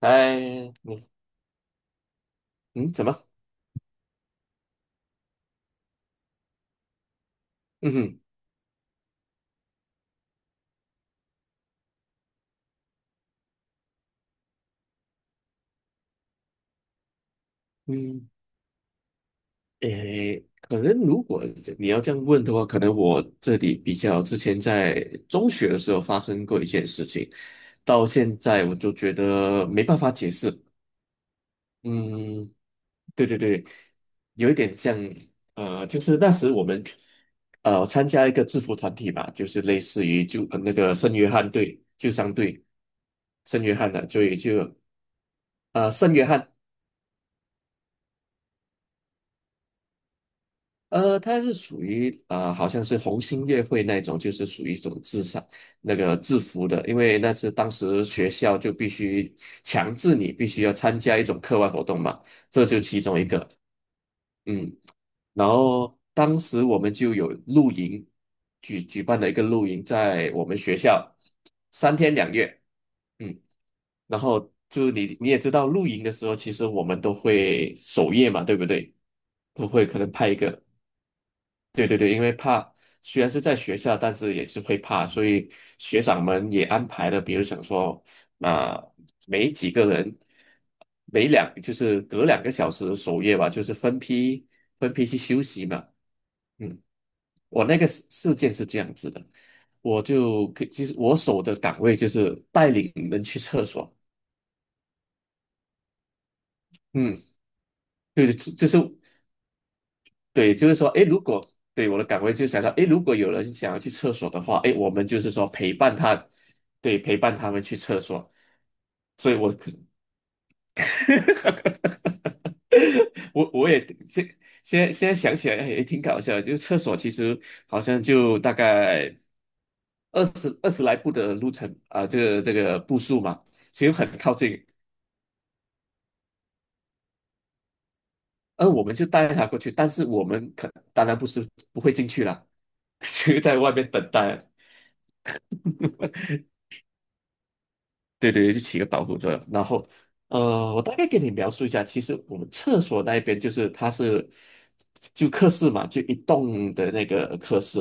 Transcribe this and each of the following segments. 哎，你嗯怎么？嗯哼嗯，诶，可能如果你要这样问的话，可能我这里比较之前在中学的时候发生过一件事情，到现在我就觉得没办法解释。嗯，对对对，有一点像，就是那时我们参加一个制服团体吧，就是类似于那个圣约翰队、救伤队、圣约翰的，所以圣约翰。它是属于好像是红星乐会那种，就是属于一种那个制服的，因为那是当时学校就必须强制你必须要参加一种课外活动嘛，这就其中一个。嗯，然后当时我们就有露营，举办了一个露营，在我们学校3天2夜。嗯，然后就你也知道，露营的时候，其实我们都会守夜嘛，对不对？都会可能拍一个。对对对，因为怕虽然是在学校，但是也是会怕，所以学长们也安排了，比如想说，啊、每几个人，每两就是隔2个小时的守夜吧，就是分批去休息嘛。嗯，我那个事件是这样子的，我其实我守的岗位就是带领人去厕所。嗯，对，这是。对，就是说，哎，如果对我的岗位就想到，哎，如果有人想要去厕所的话，哎，我们就是说陪伴他，对，陪伴他们去厕所。所以我 我也现在想起来哎也挺搞笑的就是厕所其实好像就大概20来步的路程啊，这个步数嘛，其实很靠近。而我们就带他过去，但是我们当然不是不会进去了，就在外面等待。对对，就起个保护作用。然后，我大概给你描述一下，其实我们厕所那一边就是它是就客室嘛，就一栋的那个客室，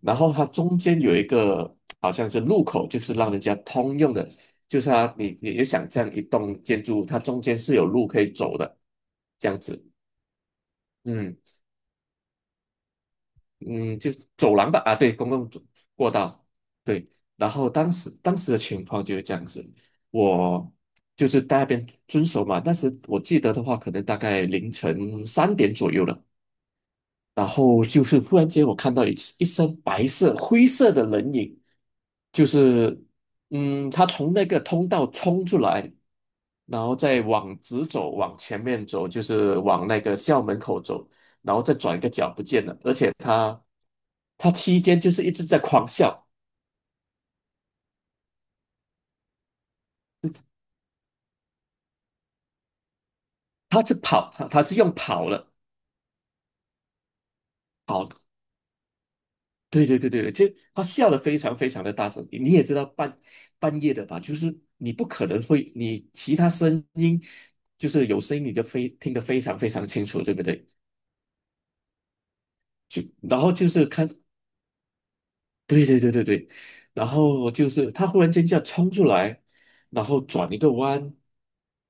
然后它中间有一个好像是入口，就是让人家通用的，就是它你也想象一栋建筑，它中间是有路可以走的，这样子。嗯。嗯，就走廊吧，啊，对，公共走过道，对。然后当时的情况就是这样子，我就是在那边遵守嘛。但是我记得的话，可能大概凌晨3点左右了。然后就是忽然间，我看到一身白色、灰色的人影，就是他从那个通道冲出来，然后再往直走，往前面走，就是往那个校门口走，然后再转一个角不见了。而且他期间就是一直在狂笑，他是跑，他是用跑了跑的对对对对对，就他笑得非常非常的大声。你也知道半夜的吧，就是你不可能会，你其他声音就是有声音你就非听得非常非常清楚，对不对？就然后就是看对对对对对，然后就是他忽然间这样冲出来，然后转一个弯，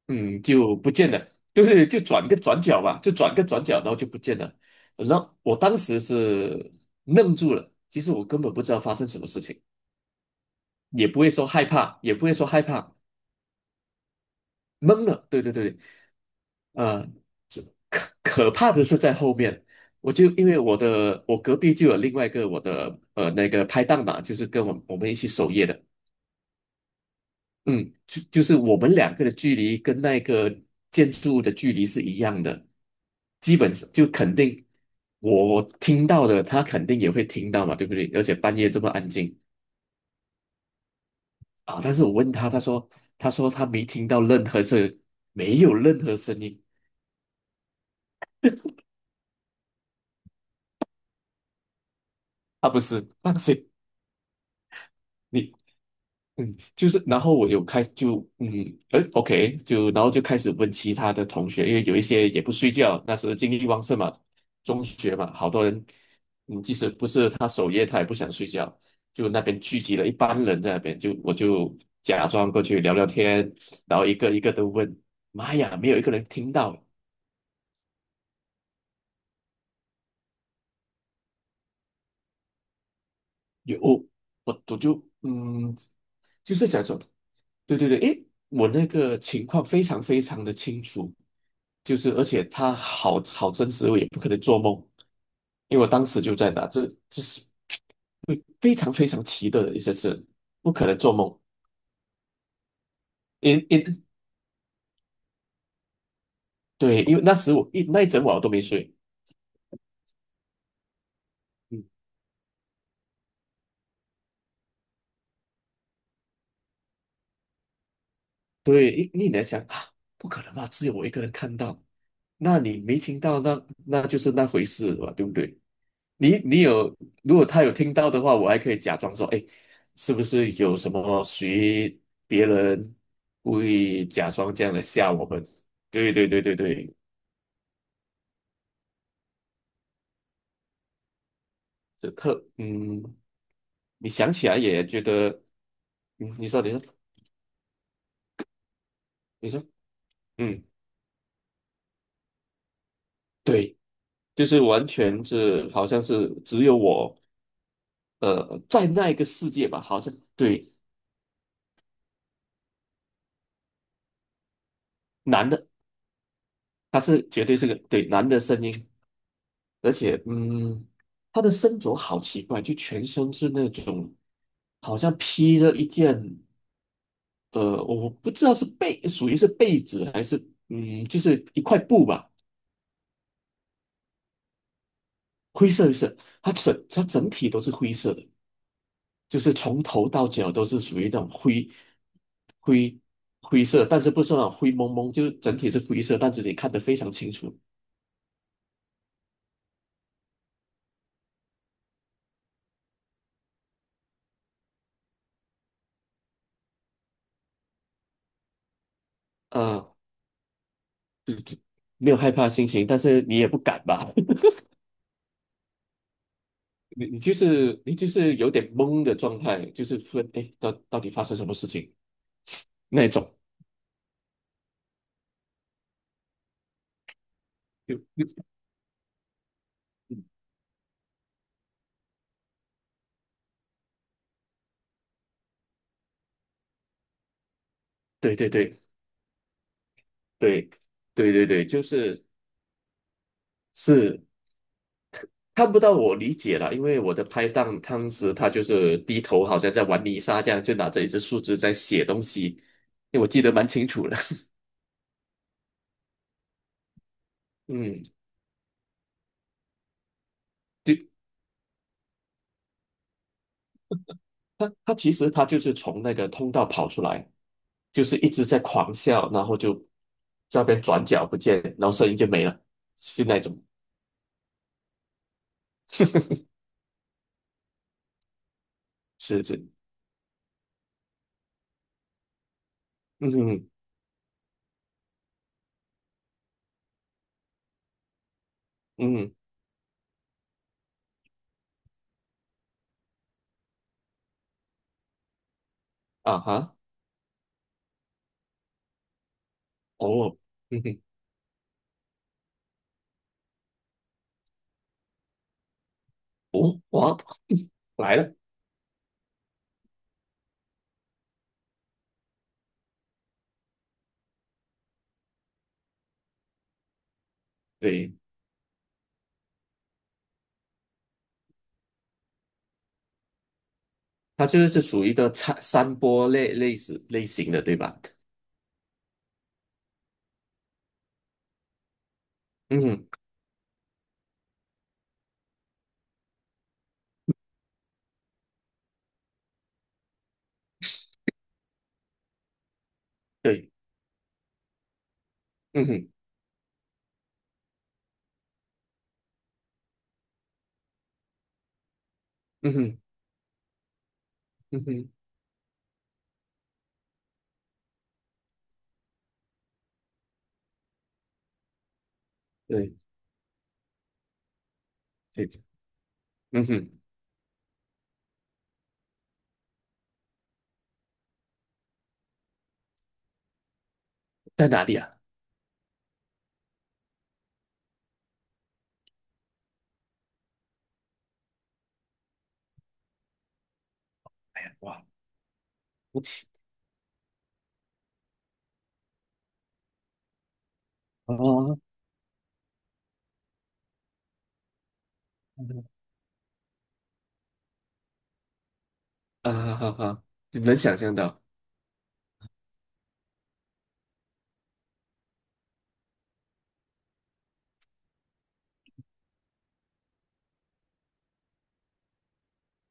就不见了，对是就转个转角吧，就转个转角，然后就不见了。然后我当时是愣住了，其实我根本不知道发生什么事情，也不会说害怕，也不会说害怕，懵了。对对对，呃，这可怕的是在后面，我就因为我的我隔壁就有另外一个我的那个拍档嘛，就是跟我们一起守夜的。嗯，就是我们两个的距离跟那个建筑物的距离是一样的，基本上就肯定我听到的，他肯定也会听到嘛，对不对？而且半夜这么安静啊，但是我问他，他说他没听到任何声，没有任何声音，啊，不是，放心，你就是，然后我有开就嗯，哎，OK，就然后就开始问其他的同学，因为有一些也不睡觉，那时候精力旺盛嘛，中学嘛，好多人，即使不是他守夜，他也不想睡觉，就那边聚集了一帮人在那边，就我就假装过去聊聊天，然后一个一个都问，妈呀，没有一个人听到，有我就嗯，就是假装，对对对，诶，我那个情况非常非常的清楚。就是而且他好真实，我也不可能做梦，因为我当时就在那，这是会非常非常奇特的一些事，不可能做梦。因因对，因为那时那一整晚我都没睡。嗯，对，你在想啊，不可能吧？只有我一个人看到，那你没听到，那就是那回事了吧，对不对？你有，如果他有听到的话，我还可以假装说，哎，是不是有什么谁别人故意假装这样的吓我们？对对对对对，这特嗯，你想起来也觉得，你说你说你说，嗯，对，就是完全是好像是只有我，在那一个世界吧，好像对男的他是绝对是个对男的声音，而且，他的身着好奇怪，就全身是那种好像披着一件，我不知道是被属于是被子还是，就是一块布吧，灰色的色，它整体都是灰色的，就是从头到脚都是属于那种灰灰色，但是不是那种灰蒙蒙，就是整体是灰色，但是你看得非常清楚，呃，没有害怕的心情，但是你也不敢吧。你就是有点懵的状态，就是突然哎，诶到底发生什么事情那种，就就嗯，对对对对对对对，就是是看不到我理解了，因为我的拍档当时他就是低头，好像在玩泥沙这样，就拿着一只树枝在写东西，因为我记得蛮清楚的。嗯，对，他其实他就是从那个通道跑出来，就是一直在狂笑，然后就在那边转角不见，然后声音就没了，是那种。是是，嗯哼嗯啊哈，哦，嗯哼，哦，哇，来了，对，它就是这属于一个山坡类似类型的，对吧？嗯哼，对，嗯哼，嗯哼，嗯哼，对，对，嗯哼，在哪里啊？哇，不起啊啊哈哈，哈你能想象到，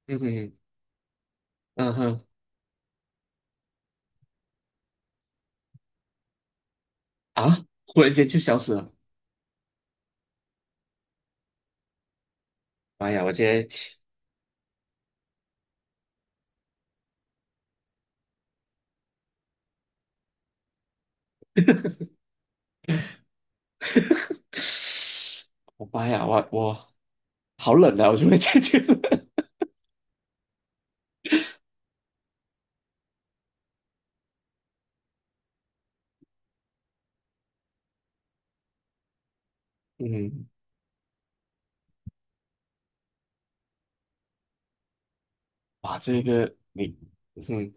嗯哼，嗯哼，啊，忽然间就消失了，妈呀，我今天，我妈呀，我好冷啊，我就会 这样觉得，嗯。哇，这个你，嗯，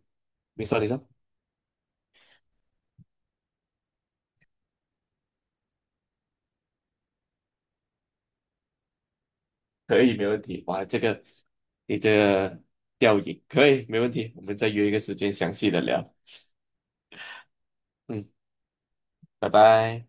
你说你说，可以，没问题。哇，这个你这个吊影可以，没问题。我们再约一个时间详细的聊。嗯，拜拜。